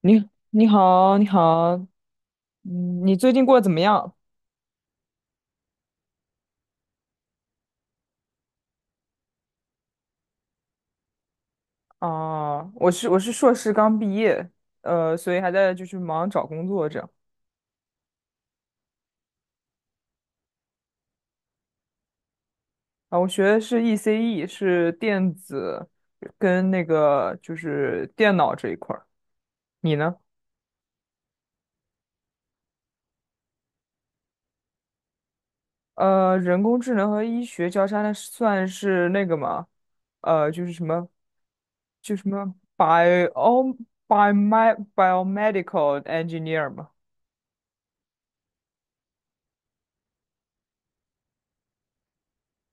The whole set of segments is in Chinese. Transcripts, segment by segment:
你好，你好，嗯，你最近过得怎么样？啊，我是硕士刚毕业，所以还在就是忙找工作这样。啊，我学的是 ECE，是电子跟那个就是电脑这一块儿。你呢？呃，人工智能和医学交叉，那算是那个吗？呃，就是什么，就什么 biomedical engineer 嘛，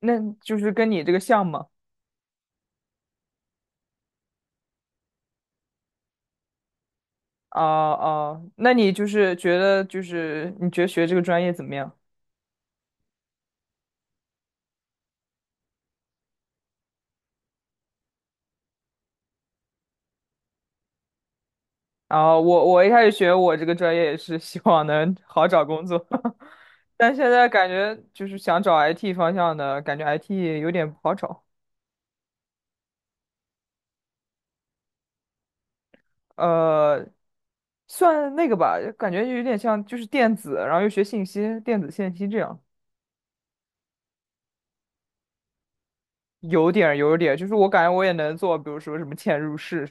那就是跟你这个像吗？哦哦，那你就是觉得就是你觉得学这个专业怎么样？啊，我一开始学我这个专业也是希望能好找工作，但现在感觉就是想找 IT 方向的，感觉 IT 有点不好找。呃，算那个吧，感觉有点像就是电子，然后又学信息，电子信息这样，有点儿就是我感觉我也能做，比如说什么嵌入式，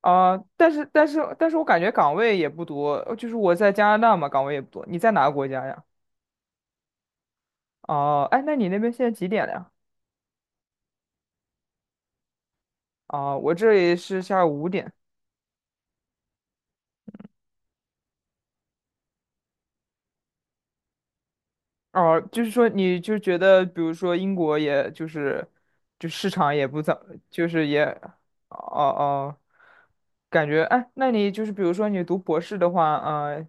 啊、但是我感觉岗位也不多，呃就是我在加拿大嘛，岗位也不多。你在哪个国家呀？哦、哎，那你那边现在几点了呀？啊、我这里是下午五点。哦、就是说你就觉得，比如说英国，也就是就市场也不怎，就是也，哦哦，感觉哎，那你就是比如说你读博士的话，呃，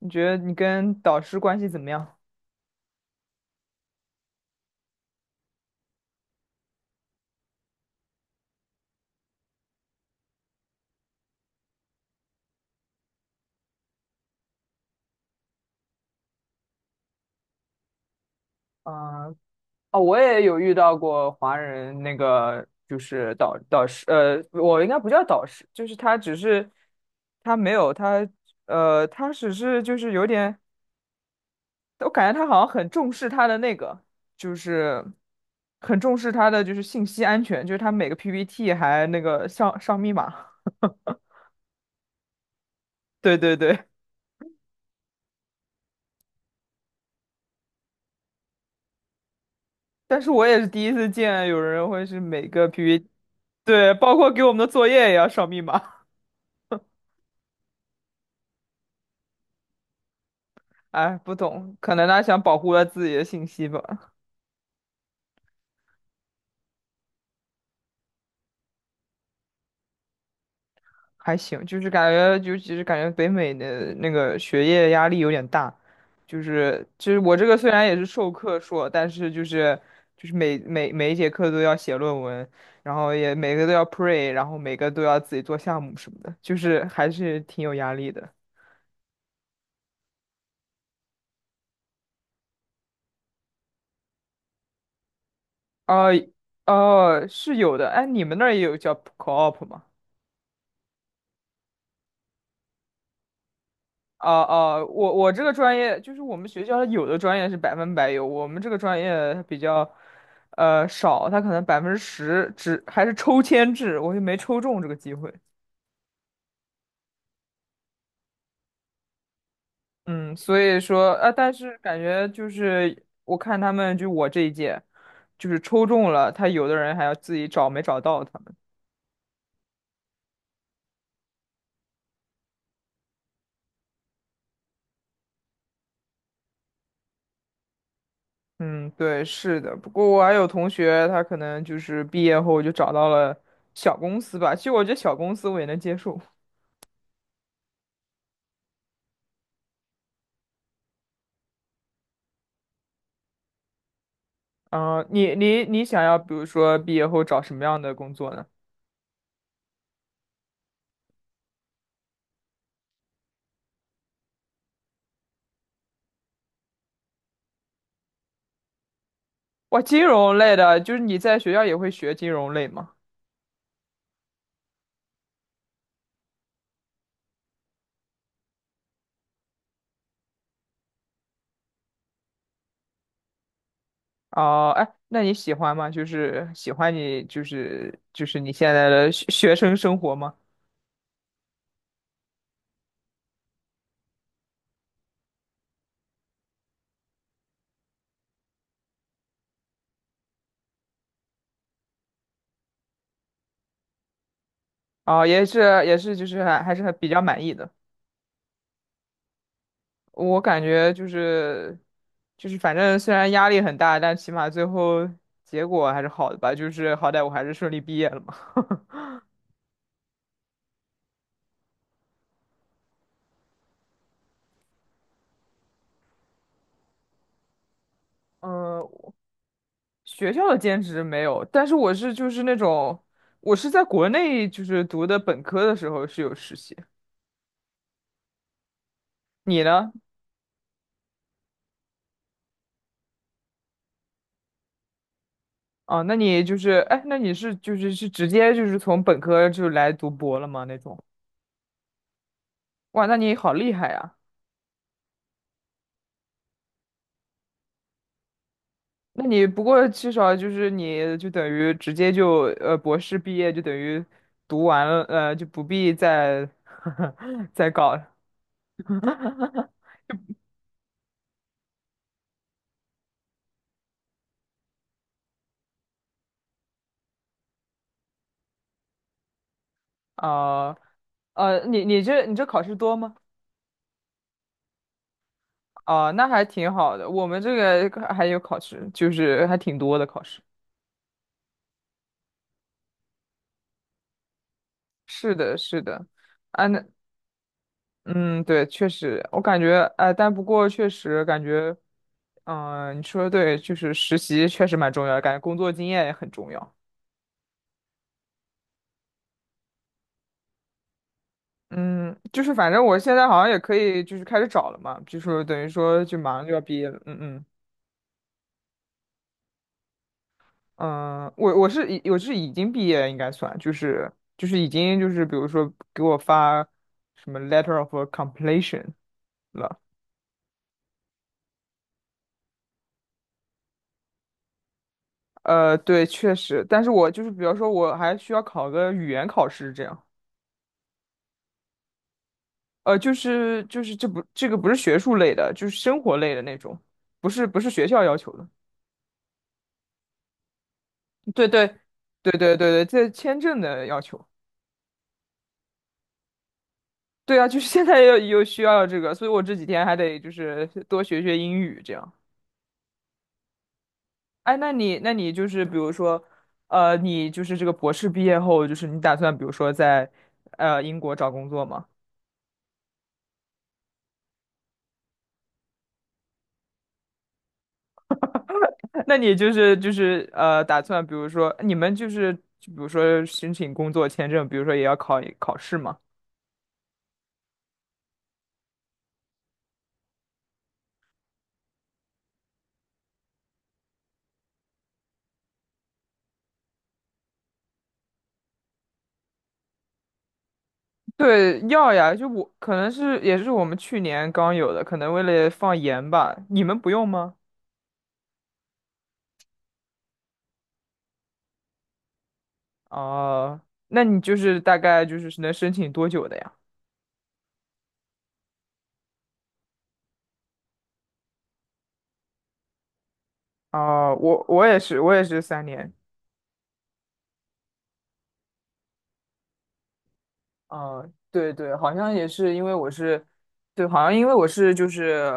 你觉得你跟导师关系怎么样？啊、哦，我也有遇到过华人，那个就是导师，呃，我应该不叫导师，就是他只是他没有他，呃，他只是就是有点，我感觉他好像很重视他的那个，就是很重视他的就是信息安全，就是他每个 PPT 还那个上密码，对对对，但是我也是第一次见有人会是每个 PPT，对，包括给我们的作业也要上密码，哎，不懂，可能他想保护他自己的信息吧。还行，就是感觉，就其实感觉北美的那个学业压力有点大，就是我这个虽然也是授课硕，但是就是每一节课都要写论文，然后也每个都要 pre，然后每个都要自己做项目什么的，就是还是挺有压力的。哦哦，是有的，哎，你们那儿也有叫 co-op 吗？哦哦，我这个专业就是我们学校有的专业是百分百有，我们这个专业它比较呃少，他可能百分之十只还是抽签制，我就没抽中这个机会。嗯，所以说啊，但是感觉就是我看他们就我这一届，就是抽中了，他有的人还要自己找没找到他们。嗯，对，是的。不过我还有同学，他可能就是毕业后就找到了小公司吧。其实我觉得小公司我也能接受。嗯，你想要，比如说毕业后找什么样的工作呢？哇，金融类的，就是你在学校也会学金融类吗？哦、哎，那你喜欢吗？就是喜欢你，就是你现在的学生生活吗？哦、也是也是，就是还还是很比较满意的。我感觉就是反正虽然压力很大，但起码最后结果还是好的吧。就是好歹我还是顺利毕业了嘛。嗯、学校的兼职没有，但是我是就是那种，我是在国内就是读的本科的时候是有实习。你呢？啊，那你就是，哎，那你是就是直接就是从本科就来读博了吗？那种？哇，那你好厉害呀！那你不过至少就是你就等于直接就呃博士毕业就等于读完了，呃就不必再 再搞了啊你这考试多吗？哦，那还挺好的。我们这个还有考试，就是还挺多的考试。是的，是的，啊，那嗯，对，确实，我感觉，哎，但不过确实感觉，嗯、你说的对，就是实习确实蛮重要的，感觉工作经验也很重要。嗯，就是反正我现在好像也可以，就是开始找了嘛，就是等于说就马上就要毕业了。嗯嗯。嗯，我是已经毕业，应该算，就是就是已经就是比如说给我发什么 letter of completion 了。呃，对，确实，但是我就是比方说我还需要考个语言考试这样。呃，就是这个不是学术类的，就是生活类的那种，不是学校要求的。对对对对对，这签证的要求。对啊，就是现在又需要这个，所以我这几天还得就是多学学英语这样。哎，那你就是比如说，呃，你就是这个博士毕业后，就是你打算比如说在呃英国找工作吗？那你就是呃打算比如说你们就是就比如说申请工作签证，比如说也要考试吗？对，要呀，就我可能是也是我们去年刚有的，可能为了放盐吧，你们不用吗？哦、那你就是大概就是能申请多久的呀？哦、我也是，我也是三年。啊，对对，好像也是因为我是，对，好像因为我是就是，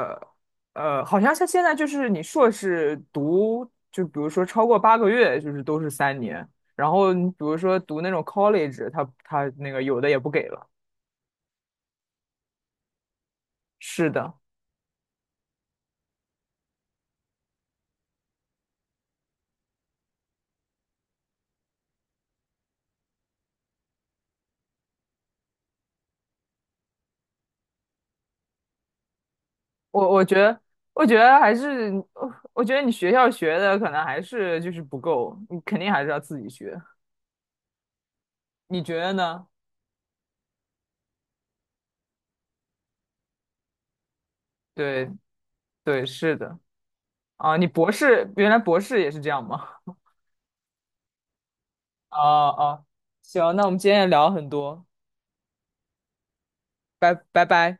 呃，好像像现在就是你硕士读，就比如说超过8个月，就是都是三年，然后你比如说读那种 college，他那个有的也不给了。是的，我觉得，我觉得还是，呃我觉得你学校学的可能还是就是不够，你肯定还是要自己学，你觉得呢？对对，是的，啊，你博士原来博士也是这样吗？哦哦，行，那我们今天也聊了很多，拜拜拜。